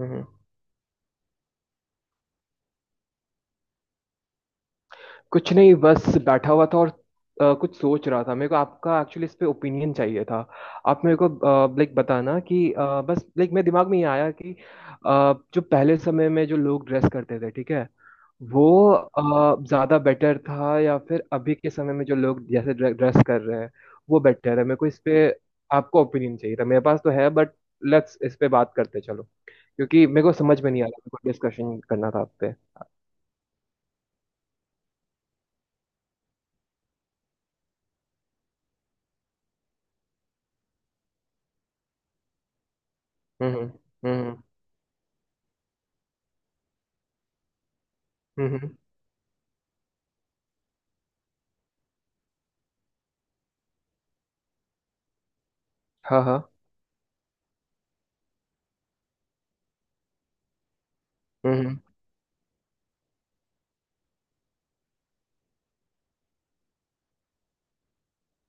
हम्म। कुछ नहीं बस बैठा हुआ था और कुछ सोच रहा था। मेरे को आपका एक्चुअली इस पे ओपिनियन चाहिए था। आप मेरे को लाइक बताना कि बस लाइक मेरे दिमाग में ये आया कि जो पहले समय में जो लोग ड्रेस करते थे ठीक है। वो ज्यादा बेटर था या फिर अभी के समय में जो लोग जैसे ड्रेस कर रहे हैं वो बेटर है। मेरे को इस पे आपको ओपिनियन चाहिए था। मेरे पास तो है बट लेट्स इस पे बात करते चलो, क्योंकि मेरे को समझ में नहीं आ रहा। मेरे को डिस्कशन करना था आप पे। हम्म हम्म हम्म। हम्म। हाँ हाँ। हम्म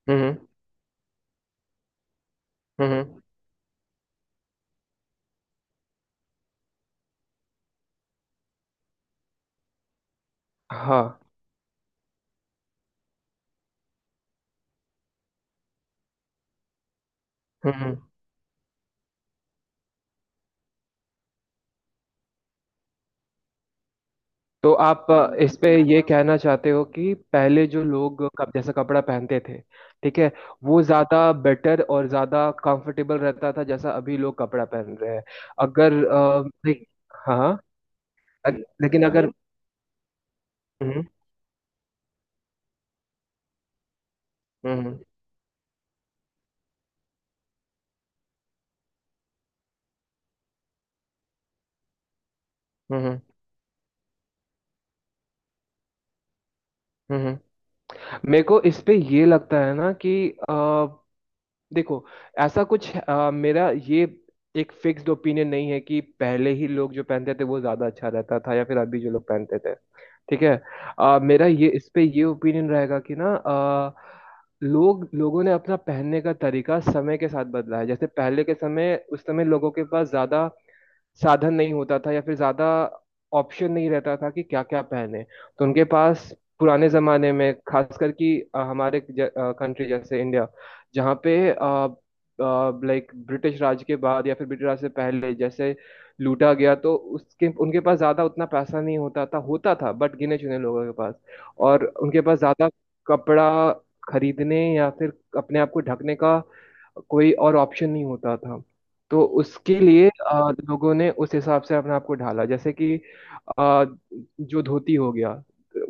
हम्म हम्म। हाँ। हम्म। तो आप इस पे ये कहना चाहते हो कि पहले जो लोग जैसा कपड़ा पहनते थे ठीक है। वो ज्यादा बेटर और ज्यादा कंफर्टेबल रहता था जैसा अभी लोग कपड़ा पहन रहे हैं। अगर नहीं, हाँ। लेकिन अगर। हम्म हम्म हम्म हम्म। हम्म। मेरे को इस पे ये लगता है ना कि अ, देखो। ऐसा कुछ मेरा ये एक फिक्स्ड ओपिनियन नहीं है कि पहले ही लोग जो पहनते थे वो ज्यादा अच्छा रहता था या फिर अभी जो लोग पहनते थे, ठीक है। मेरा ये इस पे ये ओपिनियन रहेगा कि ना लोग लोगों ने अपना पहनने का तरीका समय के साथ बदला है। जैसे पहले के समय उस समय लोगों के पास ज्यादा साधन नहीं होता था या फिर ज्यादा ऑप्शन नहीं रहता था कि क्या क्या पहने। तो उनके पास पुराने जमाने में खासकर कि हमारे कंट्री जैसे इंडिया जहाँ पे लाइक ब्रिटिश राज के बाद या फिर ब्रिटिश राज से पहले जैसे लूटा गया, तो उसके उनके पास ज्यादा उतना पैसा नहीं होता था, होता था बट गिने चुने लोगों के पास। और उनके पास ज्यादा कपड़ा खरीदने या फिर अपने आप को ढकने का कोई और ऑप्शन नहीं होता था। तो उसके लिए लोगों ने उस हिसाब से अपने आप को ढाला। जैसे कि अ, जो धोती हो गया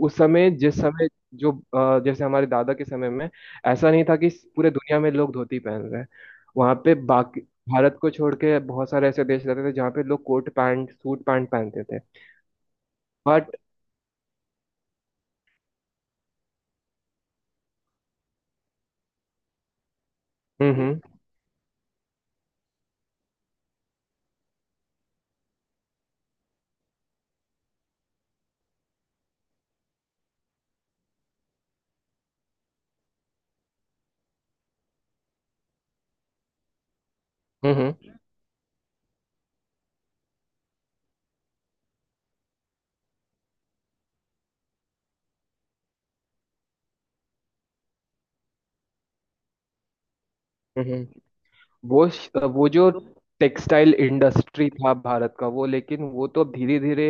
उस समय जिस समय जो जैसे हमारे दादा के समय में ऐसा नहीं था कि पूरे दुनिया में लोग धोती पहन रहे हैं। वहाँ पे बाकी भारत को छोड़ के बहुत सारे ऐसे देश रहते थे जहाँ पे लोग कोट पैंट सूट पैंट पहनते थे बट। हम्म। हम्म हम्म। वो श- वो जो टेक्सटाइल इंडस्ट्री था भारत का वो, लेकिन वो तो धीरे धीरे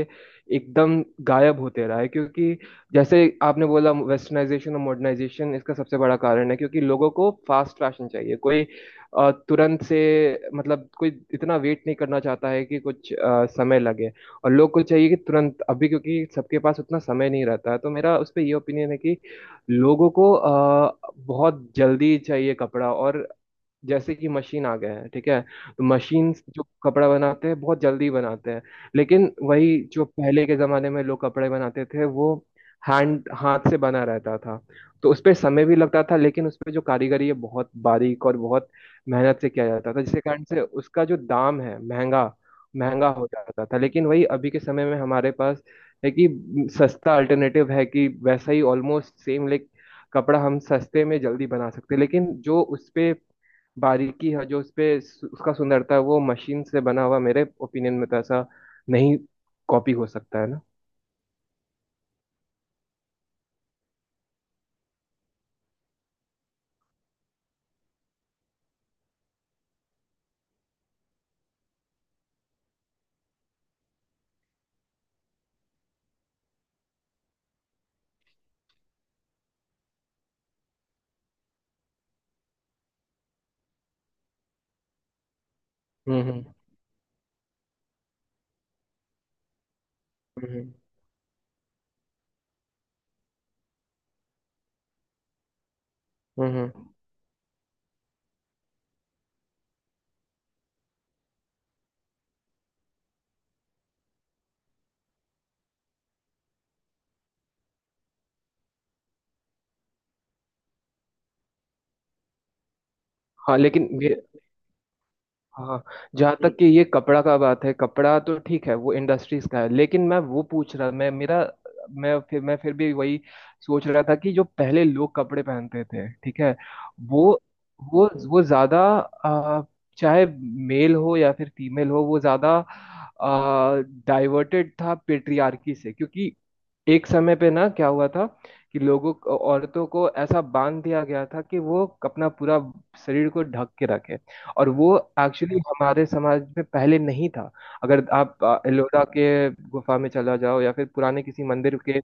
एकदम गायब होते रहा है। क्योंकि जैसे आपने बोला वेस्टर्नाइजेशन और मॉडर्नाइजेशन इसका सबसे बड़ा कारण है, क्योंकि लोगों को फास्ट फैशन चाहिए। कोई तुरंत से मतलब कोई इतना वेट नहीं करना चाहता है कि कुछ समय लगे। और लोग को चाहिए कि तुरंत अभी, क्योंकि सबके पास उतना समय नहीं रहता है। तो मेरा उस पर ये ओपिनियन है कि लोगों को बहुत जल्दी चाहिए कपड़ा। और जैसे कि मशीन आ गया है, ठीक है। तो मशीन जो कपड़ा बनाते हैं बहुत जल्दी बनाते हैं। लेकिन वही जो पहले के जमाने में लोग कपड़े बनाते थे वो हैंड हाथ से बना रहता था। तो उस पे समय भी लगता था, लेकिन उस पे जो कारीगरी है बहुत बारीक और बहुत मेहनत से किया जाता था, जिसके कारण से उसका जो दाम है महंगा महंगा हो जाता था। लेकिन वही अभी के समय में हमारे पास है कि सस्ता अल्टरनेटिव है कि वैसा ही ऑलमोस्ट सेम लाइक कपड़ा हम सस्ते में जल्दी बना सकते हैं। लेकिन जो उस पे बारीकी है जो उस पे उसका सुंदरता है वो मशीन से बना हुआ मेरे ओपिनियन में तो ऐसा नहीं कॉपी हो सकता है ना। हम्म। हम्म हम्म। हम्म। हाँ। लेकिन ये हाँ जहाँ तक कि ये कपड़ा का बात है। कपड़ा तो ठीक है, वो इंडस्ट्रीज का है, लेकिन मैं वो पूछ रहा, मैं मेरा, मैं फिर भी वही सोच रहा था कि जो पहले लोग कपड़े पहनते थे, ठीक है। वो वो ज्यादा आ, चाहे मेल हो या फिर फीमेल हो, वो ज्यादा डाइवर्टेड था पेट्रियार्की से। क्योंकि एक समय पे ना क्या हुआ था कि लोगों को औरतों को ऐसा बांध दिया गया था कि वो अपना पूरा शरीर को ढक के रखे। और वो एक्चुअली हमारे समाज में पहले नहीं था। अगर आप एलोरा के गुफा में चला जाओ या फिर पुराने किसी मंदिर के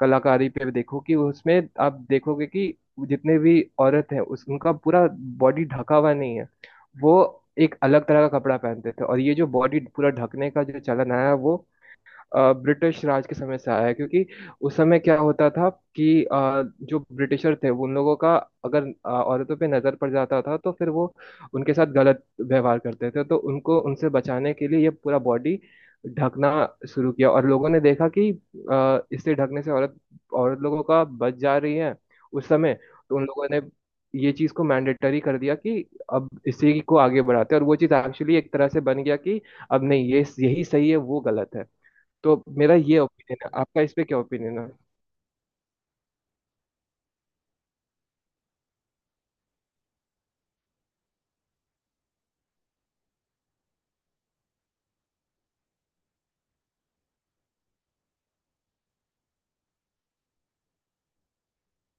कलाकारी पे देखो कि उसमें आप देखोगे कि जितने भी औरत हैं उस उनका पूरा बॉडी ढका हुआ नहीं है। वो एक अलग तरह का कपड़ा पहनते थे। और ये जो बॉडी पूरा ढकने का जो चलन आया है वो ब्रिटिश राज के समय से आया है। क्योंकि उस समय क्या होता था कि जो ब्रिटिशर थे उन लोगों का अगर औरतों पे नजर पड़ जाता था तो फिर वो उनके साथ गलत व्यवहार करते थे। तो उनको उनसे बचाने के लिए ये पूरा बॉडी ढकना शुरू किया। और लोगों ने देखा कि इससे ढकने से औरत औरत लोगों का बच जा रही है उस समय। तो उन लोगों ने ये चीज को मैंडेटरी कर दिया कि अब इसी को आगे बढ़ाते हैं। और वो चीज एक्चुअली एक तरह से बन गया कि अब नहीं, ये यही सही है वो गलत है। तो मेरा ये ओपिनियन है, आपका इस पे क्या ओपिनियन है?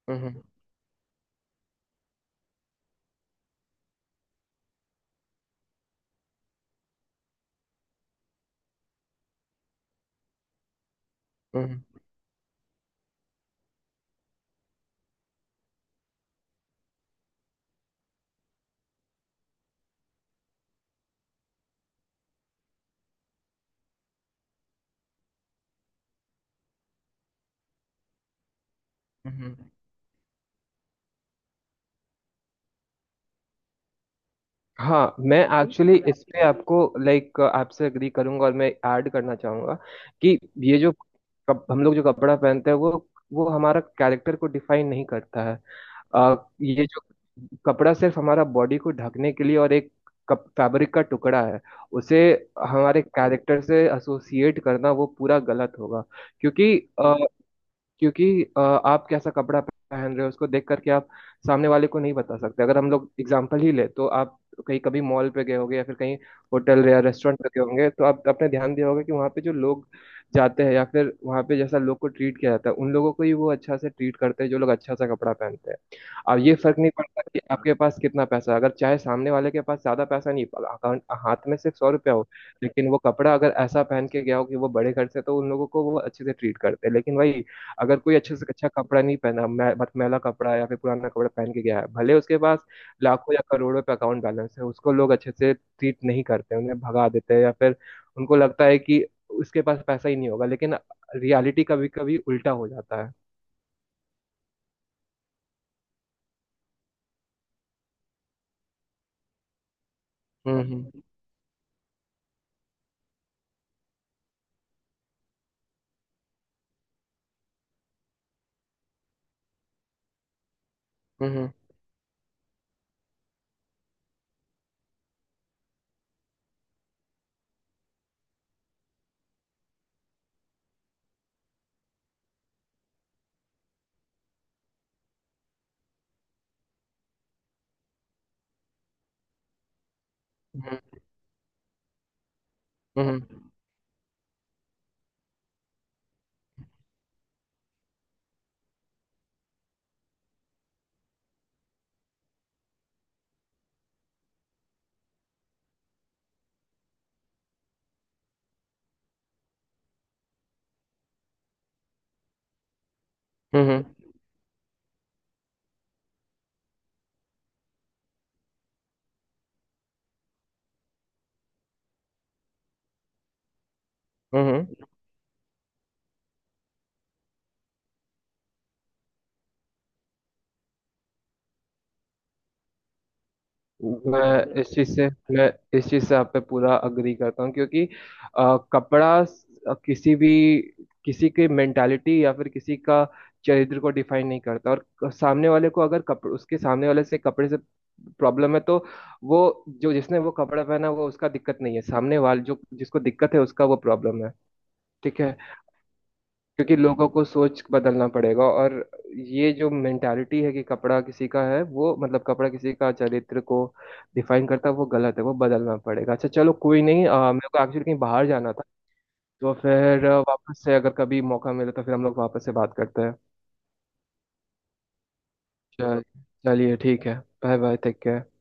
हम्म हम्म। हम्म। हाँ, मैं एक्चुअली इस पे आपको लाइक आपसे अग्री करूंगा और मैं ऐड करना चाहूंगा कि ये जो हम लोग जो कपड़ा पहनते हैं वो हमारा कैरेक्टर को डिफाइन नहीं करता है। ये जो कपड़ा सिर्फ हमारा बॉडी को ढकने के लिए और एक कप फैब्रिक का टुकड़ा है। उसे हमारे कैरेक्टर से एसोसिएट करना वो पूरा गलत होगा, क्योंकि अ, क्योंकि आप कैसा कपड़ा पहन रहे हो उसको देख करके आप सामने वाले को नहीं बता सकते। अगर हम लोग एग्जाम्पल ही ले तो आप कहीं कभी मॉल पे गए होंगे या फिर कहीं होटल या रेस्टोरेंट पे गए होंगे, तो आप आपने ध्यान दिया होगा कि वहाँ पे जो लोग जाते हैं या फिर वहाँ पे जैसा लोग को ट्रीट किया जाता है, उन लोगों को ही वो अच्छा से ट्रीट करते हैं जो लोग अच्छा सा कपड़ा पहनते हैं। अब ये फर्क नहीं पड़ता कि आपके पास कितना पैसा है। अगर चाहे सामने वाले के पास ज्यादा पैसा नहीं, अकाउंट हाथ में सिर्फ 100 रुपया हो, लेकिन वो कपड़ा अगर ऐसा पहन के गया हो कि वो बड़े घर से, तो उन लोगों को वो अच्छे से ट्रीट करते हैं। लेकिन वही अगर कोई अच्छे से अच्छा कपड़ा नहीं पहना, मैं मैला कपड़ा या फिर पुराना कपड़ा पहन के गया है, भले उसके पास लाखों या करोड़ों पे अकाउंट बैलेंस है, उसको लोग अच्छे से ट्रीट नहीं करते, उन्हें भगा देते हैं, या फिर उनको लगता है कि उसके पास पैसा ही नहीं होगा, लेकिन रियलिटी कभी कभी उल्टा हो जाता है। हम्म हम्म। हम्म हम्म। हम्म। हम्म। हम्म। मैं इस चीज से मैं इस चीज से आप पे पूरा अग्री करता हूँ। क्योंकि कपड़ा किसी भी किसी की मेंटालिटी या फिर किसी का चरित्र को डिफाइन नहीं करता। और सामने वाले को अगर कपड़ उसके सामने वाले से कपड़े से प्रॉब्लम है, तो वो जो जिसने वो कपड़ा पहना वो उसका दिक्कत नहीं है, सामने वाले जो जिसको दिक्कत है उसका वो प्रॉब्लम है। ठीक है। क्योंकि लोगों को सोच बदलना पड़ेगा। और ये जो मेंटालिटी है कि कपड़ा किसी का है वो, मतलब कपड़ा किसी का चरित्र को डिफाइन करता है, वो गलत है, वो बदलना पड़ेगा। अच्छा चलो कोई नहीं, मेरे को एक्चुअली कहीं बाहर जाना था। तो फिर वापस से अगर कभी मौका मिले तो फिर हम लोग वापस से बात करते हैं। चल- चलिए ठीक है। Bye bye, take care.